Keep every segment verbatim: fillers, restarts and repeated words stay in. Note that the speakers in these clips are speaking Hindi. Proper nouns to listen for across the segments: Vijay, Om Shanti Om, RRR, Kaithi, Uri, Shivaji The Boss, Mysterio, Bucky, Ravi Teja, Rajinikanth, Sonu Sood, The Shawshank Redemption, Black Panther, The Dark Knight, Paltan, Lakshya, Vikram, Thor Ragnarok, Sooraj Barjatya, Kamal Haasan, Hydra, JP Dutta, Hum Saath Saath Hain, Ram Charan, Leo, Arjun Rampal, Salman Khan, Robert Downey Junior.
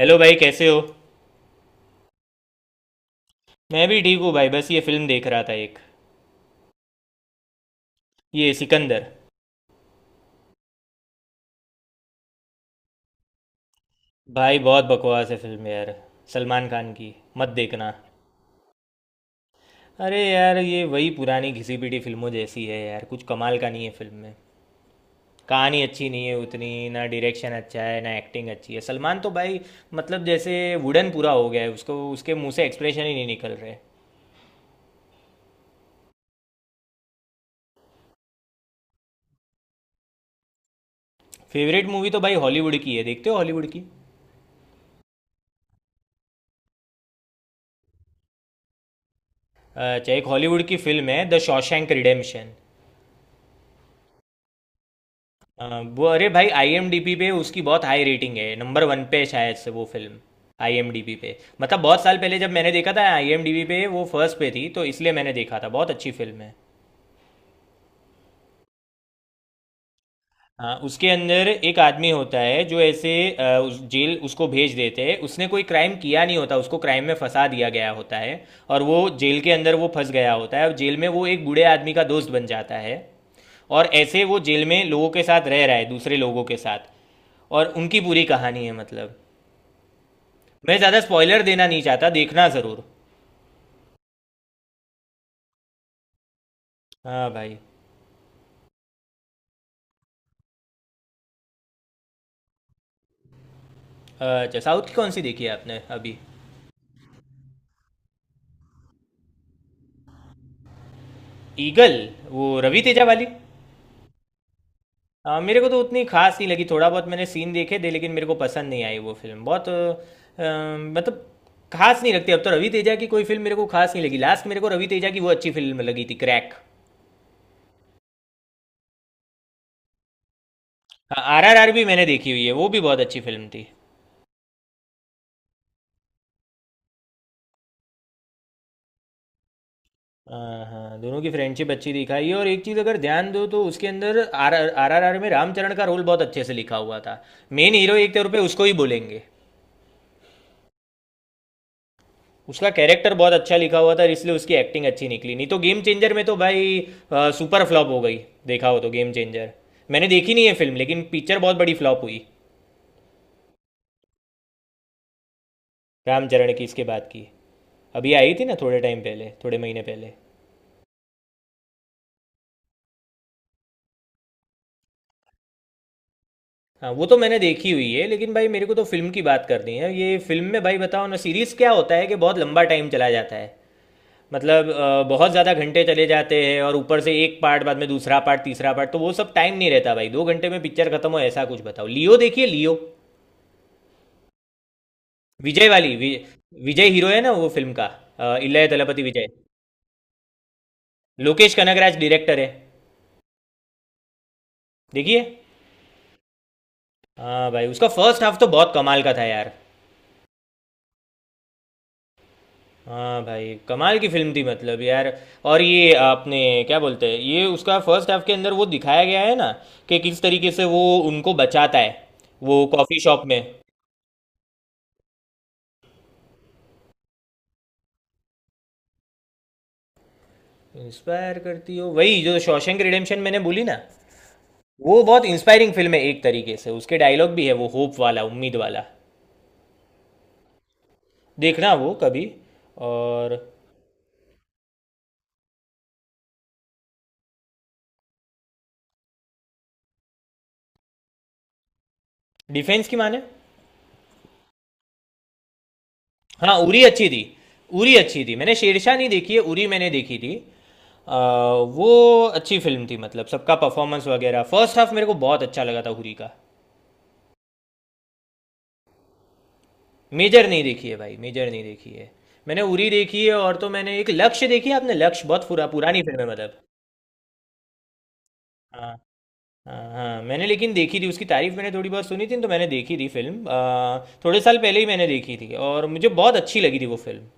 हेलो भाई कैसे हो। मैं भी ठीक हूँ भाई, बस ये फिल्म देख रहा था एक। ये सिकंदर। भाई बहुत बकवास है फिल्म यार। सलमान खान की। मत देखना। अरे यार ये वही पुरानी घिसी पिटी फिल्मों जैसी है यार, कुछ कमाल का नहीं है फिल्म में। कहानी अच्छी नहीं है उतनी। ना डायरेक्शन अच्छा है ना एक्टिंग अच्छी है। सलमान तो भाई, मतलब जैसे वुडन पूरा हो गया है उसको, उसके मुंह से एक्सप्रेशन ही नहीं निकल रहे। फेवरेट मूवी तो भाई हॉलीवुड की है। देखते हो हॉलीवुड की? अच्छा, एक हॉलीवुड की फिल्म है द शॉशैंक रिडेम्पशन। अ, वो, अरे भाई आई एम डी बी पे उसकी बहुत हाई रेटिंग है, नंबर वन पे है शायद से वो film, I am D B पे। मतलब बहुत साल पहले जब मैंने देखा था आई एम डी बी पे वो फर्स्ट पे थी, तो इसलिए मैंने देखा था। बहुत अच्छी फिल्म है। हाँ, उसके अंदर एक आदमी होता है जो ऐसे अ, उस जेल उसको भेज देते हैं। उसने कोई क्राइम किया नहीं होता, उसको क्राइम में फंसा दिया गया होता है। और वो जेल के अंदर वो फंस गया होता है, और जेल में वो एक बूढ़े आदमी का दोस्त बन जाता है। और ऐसे वो जेल में लोगों के साथ रह रहा है, दूसरे लोगों के साथ। और उनकी पूरी कहानी है मतलब। मैं ज़्यादा स्पॉइलर देना नहीं चाहता, देखना ज़रूर। हाँ भाई। अच्छा, साउथ की कौन सी देखी है आपने अभी? ईगल, वो रवि तेजा वाली? हाँ, मेरे को तो उतनी खास नहीं लगी। थोड़ा बहुत मैंने सीन देखे थे लेकिन मेरे को पसंद नहीं आई वो फिल्म। बहुत अ, मतलब खास नहीं लगती। अब तो रवि तेजा की कोई फिल्म मेरे को खास नहीं लगी। लास्ट मेरे को रवि तेजा की वो अच्छी फिल्म लगी थी, क्रैक। आर आर आर भी मैंने देखी हुई है, वो भी बहुत अच्छी फिल्म थी। हाँ हाँ, दोनों की फ्रेंडशिप अच्छी दिखाई है। और एक चीज़ अगर ध्यान दो तो उसके अंदर आर आर आर आर में रामचरण का रोल बहुत अच्छे से लिखा हुआ था। मेन हीरो एक तौर पे उसको ही बोलेंगे। उसका कैरेक्टर बहुत अच्छा लिखा हुआ था, इसलिए उसकी एक्टिंग अच्छी निकली। नहीं तो गेम चेंजर में तो भाई आ, सुपर फ्लॉप हो गई। देखा हो तो गेम चेंजर? मैंने देखी नहीं है फिल्म, लेकिन पिक्चर बहुत बड़ी फ्लॉप हुई। रामचरण की इसके बाद की, अभी आई थी ना थोड़े टाइम पहले, थोड़े महीने पहले। हाँ वो तो मैंने देखी हुई है, लेकिन भाई मेरे को तो फिल्म की बात करनी है। ये फिल्म में भाई बताओ ना। सीरीज क्या होता है कि बहुत लंबा टाइम चला जाता है। मतलब अ, बहुत ज़्यादा घंटे चले जाते हैं, और ऊपर से एक पार्ट, बाद में दूसरा पार्ट, तीसरा पार्ट, तो वो सब टाइम नहीं रहता भाई। दो घंटे में पिक्चर खत्म हो ऐसा कुछ बताओ। लियो देखिए, लियो। विजय वाली वि, विजय हीरो है ना वो फिल्म का। अ, इलय दलपति विजय। लोकेश कनगराज डायरेक्टर है। देखिए। हाँ भाई उसका फर्स्ट हाफ तो बहुत कमाल का था यार। हाँ भाई, कमाल की फिल्म थी मतलब यार। और ये आपने क्या बोलते हैं, ये उसका फर्स्ट हाफ के अंदर वो दिखाया गया है ना कि किस तरीके से वो उनको बचाता है, वो कॉफ़ी शॉप में। इंस्पायर करती हो? वही जो शॉशैंक रिडेम्पशन मैंने बोली ना, वो बहुत इंस्पायरिंग फिल्म है। एक तरीके से उसके डायलॉग भी है, वो होप वाला, उम्मीद वाला। देखना वो कभी। और। डिफेंस की माने? हाँ उरी अच्छी थी। उरी अच्छी थी। मैंने शेरशाह नहीं देखी है, उरी मैंने देखी थी। आ, वो अच्छी फिल्म थी मतलब, सबका परफॉर्मेंस वगैरह। फर्स्ट हाफ मेरे को बहुत अच्छा लगा था उरी का। मेजर नहीं देखी है भाई, मेजर नहीं देखी है। मैंने उरी देखी है, और तो मैंने एक लक्ष्य देखी है। आपने लक्ष्य? बहुत पुरा पुरानी फिल्म है मतलब। हाँ हाँ हाँ, मैंने लेकिन देखी थी। उसकी तारीफ मैंने थोड़ी बहुत सुनी थी, तो मैंने देखी थी फिल्म। आ, थोड़े साल पहले ही मैंने देखी थी और मुझे बहुत अच्छी लगी थी वो फिल्म।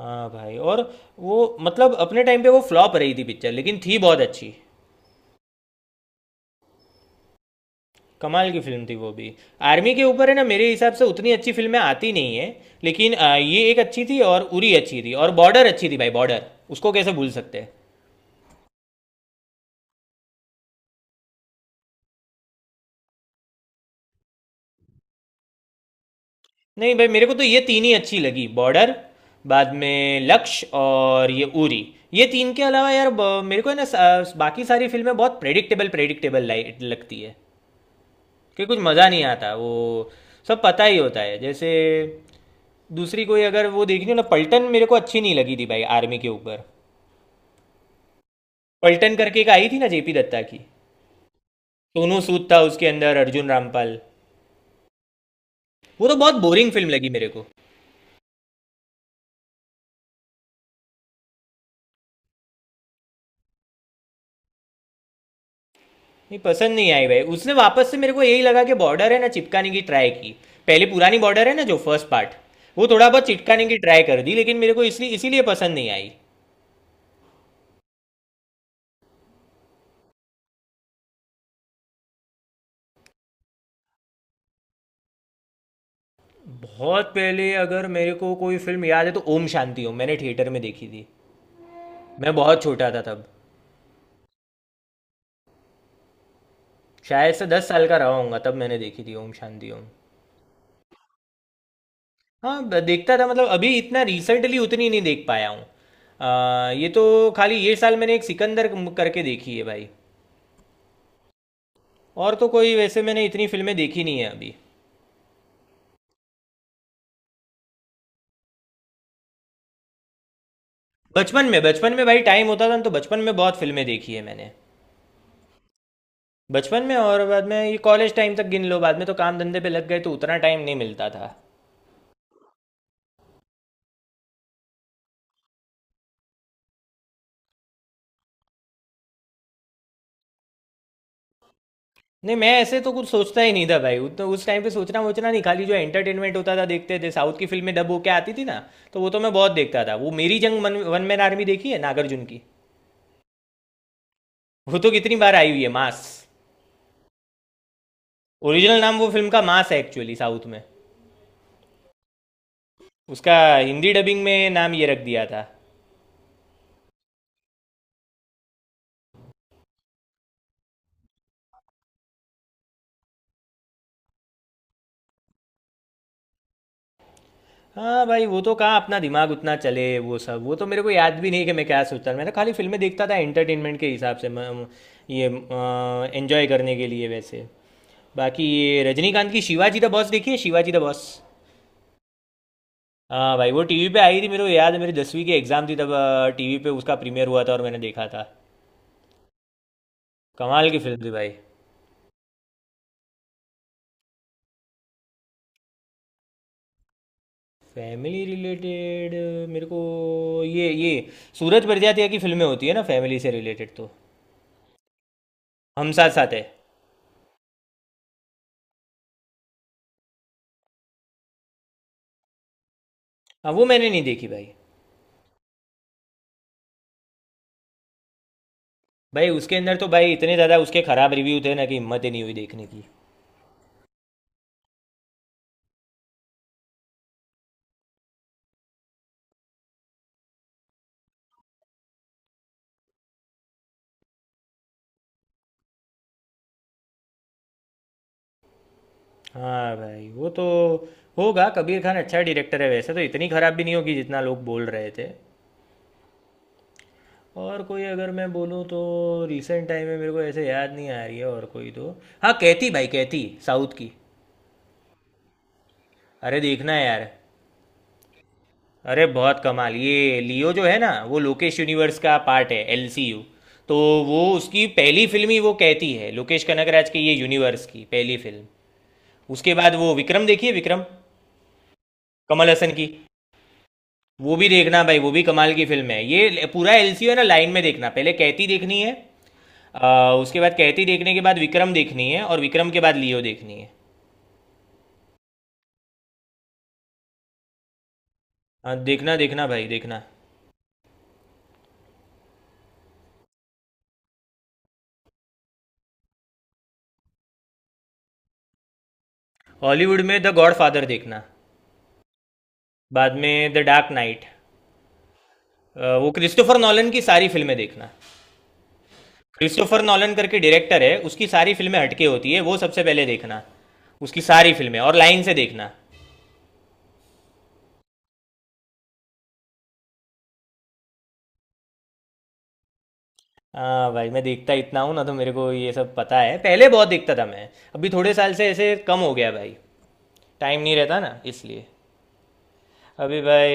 हाँ भाई, और वो मतलब अपने टाइम पे वो फ्लॉप रही थी पिक्चर, लेकिन थी बहुत अच्छी। कमाल की फिल्म थी वो भी। आर्मी के ऊपर है ना, मेरे हिसाब से उतनी अच्छी फिल्में आती नहीं है, लेकिन आ, ये एक अच्छी थी, और उरी अच्छी थी, और बॉर्डर अच्छी थी भाई, बॉर्डर। उसको कैसे भूल सकते हैं। नहीं भाई, मेरे को तो ये तीन ही अच्छी लगी, बॉर्डर, बाद में लक्ष्य और ये उरी। ये तीन के अलावा यार ब- मेरे को है ना सा- बाकी सारी फिल्में बहुत प्रेडिक्टेबल प्रेडिक्टेबल लगती है, कि कुछ मज़ा नहीं आता। वो सब पता ही होता है जैसे। दूसरी कोई अगर वो देखनी हो ना, पलटन मेरे को अच्छी नहीं लगी थी भाई, आर्मी के ऊपर। पलटन करके एक आई थी ना जे पी दत्ता की। सोनू सूद था उसके अंदर, अर्जुन रामपाल। वो तो बहुत बोरिंग फिल्म लगी मेरे को। नहीं पसंद नहीं आई भाई, उसने वापस से मेरे को यही लगा कि बॉर्डर है ना चिपकाने की ट्राई की, पहले पुरानी बॉर्डर है ना जो फर्स्ट पार्ट, वो थोड़ा बहुत चिपकाने की ट्राई कर दी, लेकिन मेरे को इसलिए इसीलिए पसंद नहीं आई। बहुत पहले अगर मेरे को कोई फिल्म याद है तो ओम शांति ओम मैंने थिएटर में देखी थी। मैं बहुत छोटा था तब, शायद से दस साल का रहा होऊंगा तब मैंने देखी थी ओम शांति ओम। हाँ ब- देखता था मतलब, अभी इतना रिसेंटली उतनी नहीं देख पाया हूँ। आ, ये तो खाली ये साल मैंने एक सिकंदर कम- करके देखी है भाई। और तो कोई वैसे मैंने इतनी फिल्में देखी नहीं है अभी। बचपन में बचपन में भाई टाइम होता था ना, तो बचपन में बहुत फिल्में देखी है मैंने। बचपन में और बाद में ये कॉलेज टाइम तक गिन लो, बाद में तो काम धंधे पे लग गए तो उतना टाइम नहीं मिलता था। नहीं, मैं ऐसे तो कुछ सोचता ही नहीं था भाई, उत- उस टाइम पे सोचना वोचना नहीं, खाली जो एंटरटेनमेंट होता था देखते थे। साउथ की फिल्में डब होके आती थी ना, तो वो तो मैं बहुत देखता था। वो मेरी जंग, मन, वन मैन आर्मी देखी है नागार्जुन की। वो तो कितनी बार आई हुई है, मास। ओरिजिनल नाम वो फिल्म का मास है एक्चुअली साउथ में, उसका हिंदी डबिंग में नाम ये रख दिया था। हाँ भाई, वो तो कहाँ अपना दिमाग उतना चले वो सब, वो तो मेरे को याद भी नहीं कि मैं क्या सोचता था। मैं तो खाली फिल्में देखता था एंटरटेनमेंट के हिसाब से। मैं- ये एंजॉय करने के लिए वैसे। बाकी ये रजनीकांत की शिवाजी द बॉस देखी है, शिवाजी द बॉस। हाँ भाई वो टीवी पे आई थी, मेरे को याद है मेरी दसवीं की एग्ज़ाम थी तब। टीवी पे उसका प्रीमियर हुआ था और मैंने देखा था। कमाल की फिल्म थी भाई। फैमिली रिलेटेड, मेरे को ये ये सूरज बड़जात्या की फिल्में होती है ना, फैमिली से रिलेटेड तो। हम साथ साथ है। हाँ वो मैंने नहीं देखी भाई। भाई उसके अंदर तो भाई इतने ज़्यादा उसके ख़राब रिव्यू थे ना, कि हिम्मत ही नहीं हुई देखने की। हाँ भाई वो तो होगा, कबीर खान अच्छा डायरेक्टर है वैसे, तो इतनी ख़राब भी नहीं होगी जितना लोग बोल रहे थे। और कोई अगर मैं बोलूँ तो रिसेंट टाइम में मेरे को ऐसे याद नहीं आ रही है, और कोई तो। हाँ कैथी, भाई कैथी साउथ की। अरे देखना यार। अरे बहुत कमाल। ये लियो जो है ना वो लोकेश यूनिवर्स का पार्ट है, एल सी यू। तो वो उसकी पहली फिल्म ही वो कहती है, लोकेश कनगराज की ये यूनिवर्स की पहली फिल्म। उसके बाद वो विक्रम देखिए, विक्रम, कमल हसन की। वो भी देखना भाई, वो भी कमाल की फिल्म है। ये पूरा एल सी यू है ना लाइन में देखना, पहले कहती देखनी है। आ, उसके बाद कहती देखने के बाद विक्रम देखनी है, और विक्रम के बाद लियो देखनी है। हाँ देखना देखना भाई देखना। हॉलीवुड में द गॉड फादर देखना, बाद में द डार्क नाइट। वो क्रिस्टोफर नॉलन की सारी फिल्में देखना। क्रिस्टोफर नॉलन करके डायरेक्टर है, उसकी सारी फिल्में हटके होती है, वो सबसे पहले देखना। उसकी सारी फिल्में, और लाइन से देखना। हाँ भाई, मैं देखता इतना हूँ ना तो मेरे को ये सब पता है। पहले बहुत देखता था मैं, अभी थोड़े साल से ऐसे कम हो गया भाई, टाइम नहीं रहता ना इसलिए। अभी भाई।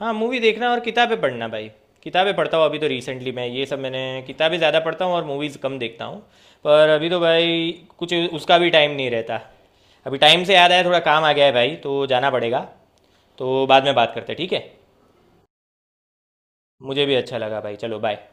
हाँ, मूवी देखना और किताबें पढ़ना भाई। किताबें पढ़ता हूँ अभी, तो रिसेंटली मैं ये सब मैंने किताबें ज़्यादा पढ़ता हूँ और मूवीज़ कम देखता हूँ। पर अभी तो भाई कुछ उसका भी टाइम नहीं रहता। अभी टाइम से याद आया, थोड़ा काम आ गया है भाई, तो जाना पड़ेगा। तो बाद में बात करते हैं, ठीक है? मुझे भी अच्छा लगा भाई, चलो बाय।